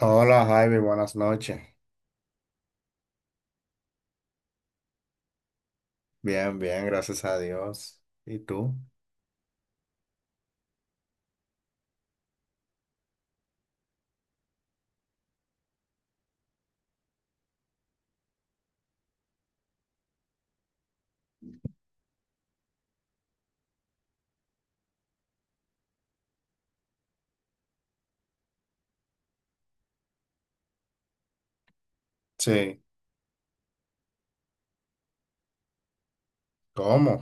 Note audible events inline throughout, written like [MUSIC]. Hola Javi, buenas noches. Bien, bien, gracias a Dios. ¿Y tú? Sí. ¿Cómo?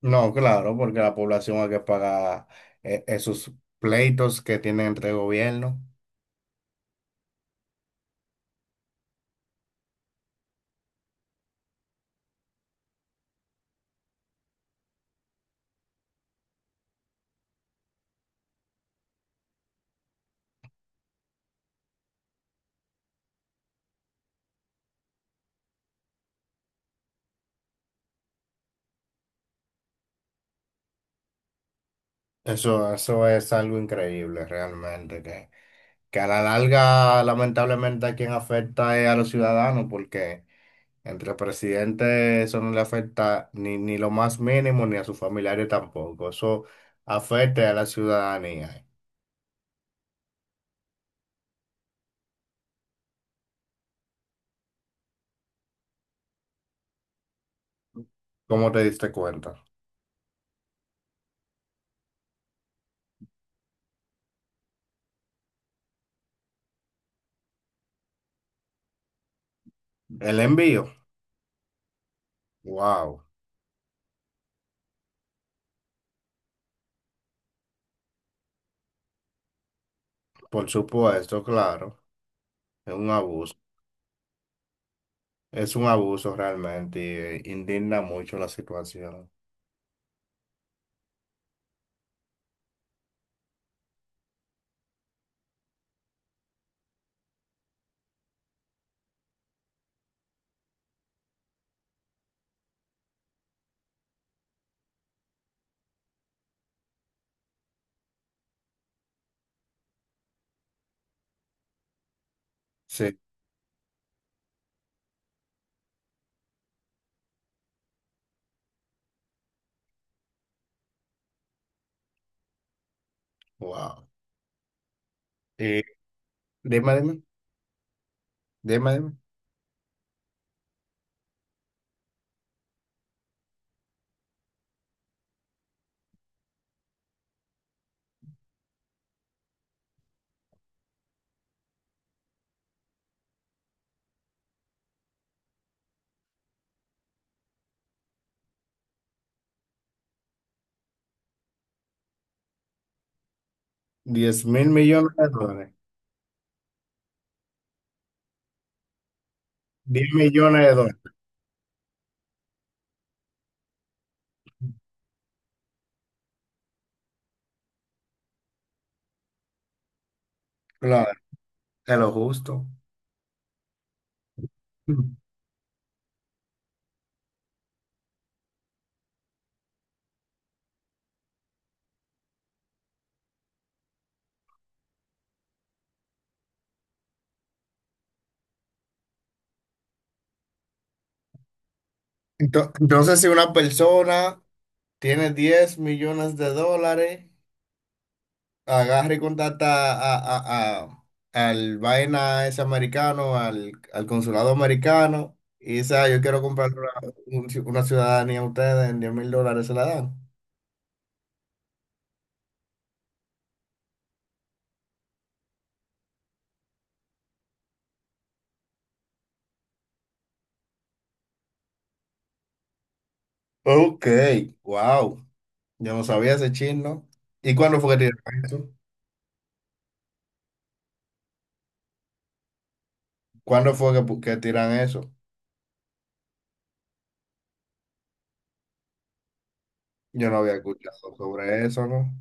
No, claro, porque la población hay que pagar esos pleitos que tienen entre gobierno. Eso es algo increíble realmente, que a la larga lamentablemente a quien afecta es a los ciudadanos, porque entre presidentes eso no le afecta ni lo más mínimo, ni a sus familiares tampoco. Eso afecta a la ciudadanía. ¿Cómo te diste cuenta? El envío, wow, por supuesto, claro, es un abuso, realmente, y indigna mucho la situación. Sí, wow. Eh, dime, dime, dime, dime. 10 mil millones de dólares, 10 millones de dólares, claro, es lo justo. Entonces, si una persona tiene 10 millones de dólares, agarra y contacta a, a- a- al vaina ese americano, al consulado americano, y dice, "Ah, yo quiero comprar una ciudadanía a ustedes en 10.000 dólares, se la dan." Ok, wow, yo no sabía ese chino. ¿Y cuándo fue que tiran eso? ¿Cuándo fue que tiran eso? Yo no había escuchado sobre eso, ¿no?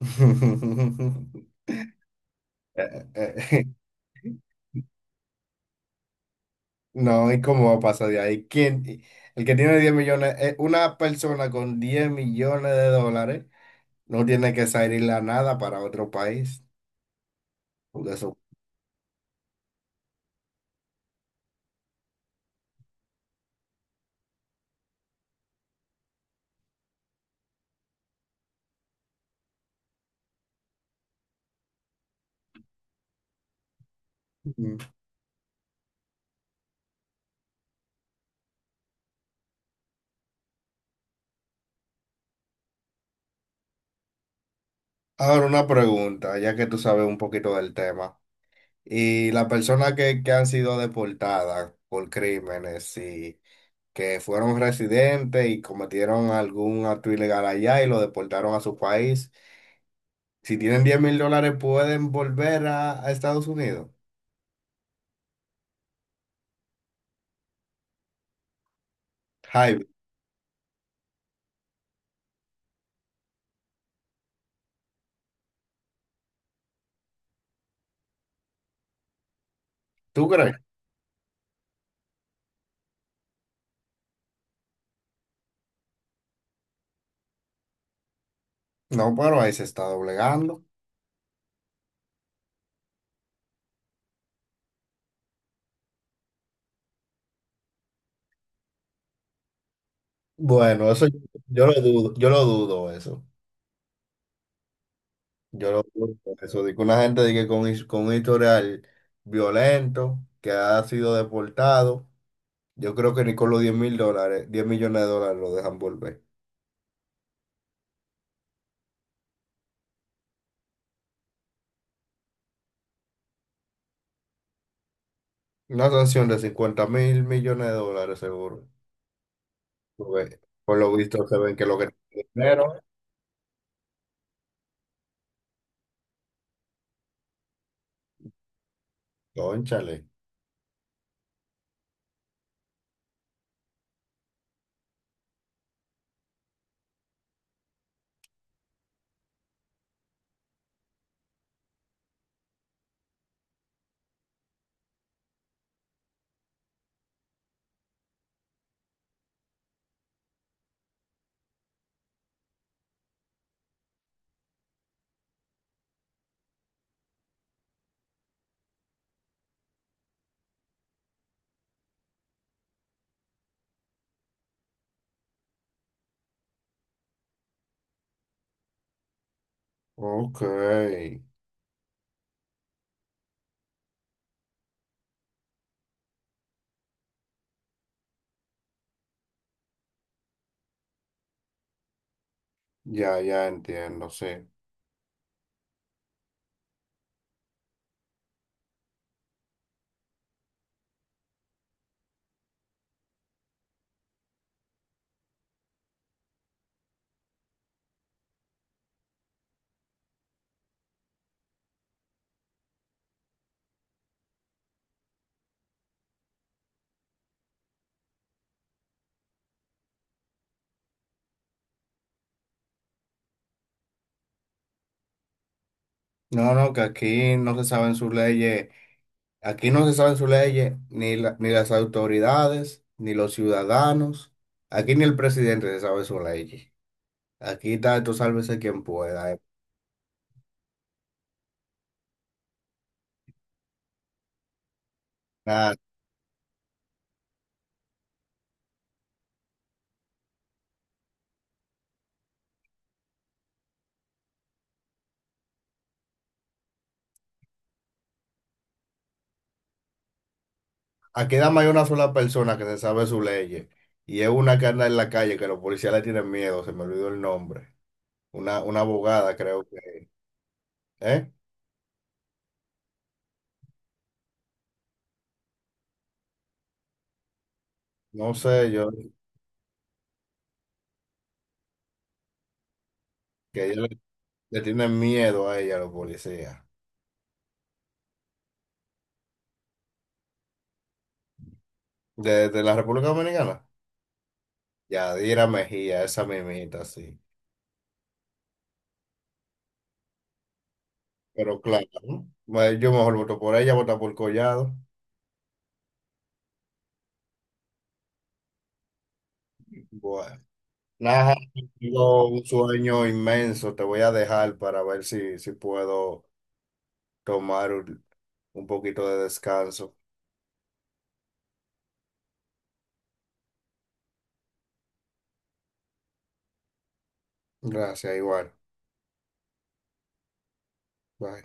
[LAUGHS] Eh, eh, [LAUGHS] No, ¿y cómo pasa de ahí? ¿Quién? El que tiene 10 millones, una persona con 10 millones de dólares no tiene que salir a nada para otro país. Porque eso- Mm. Ahora una pregunta, ya que tú sabes un poquito del tema. Y las personas que han sido deportadas por crímenes y que fueron residentes y cometieron algún acto ilegal allá y lo deportaron a su país, si tienen 10.000 dólares pueden volver a Estados Unidos. Jaime, ¿tú crees? No, pero ahí se está doblegando. Bueno, eso yo lo dudo, yo lo dudo eso. Yo lo dudo eso. De que una gente de que con un historial violento, que ha sido deportado, yo creo que ni con los 10 mil dólares, 10 millones de dólares lo dejan volver. Una sanción de 50.000 millones de dólares seguro. Porque, por lo visto se ven que lo que tiene dinero, cónchale. Ok, ya, ya entiendo, sí. No, no, que aquí no se saben sus leyes. Aquí no se saben sus leyes, ni las autoridades, ni los ciudadanos. Aquí ni el presidente se sabe sus leyes. Aquí está, esto sálvese quien pueda. Nada. Aquí nada más hay una sola persona que se sabe sus leyes. Y es una que anda en la calle que los policías le tienen miedo, se me olvidó el nombre. Una abogada, creo que. ¿Eh? No sé, yo, que ellos le tienen miedo a ella, a los policías. De la República Dominicana. Yadira Mejía, esa mimita, sí. Pero claro, ¿no? Bueno, yo mejor voto por ella, voto por Collado. Bueno, nada, tengo un sueño inmenso. Te voy a dejar para ver si puedo tomar un poquito de descanso. Gracias, igual. Bye.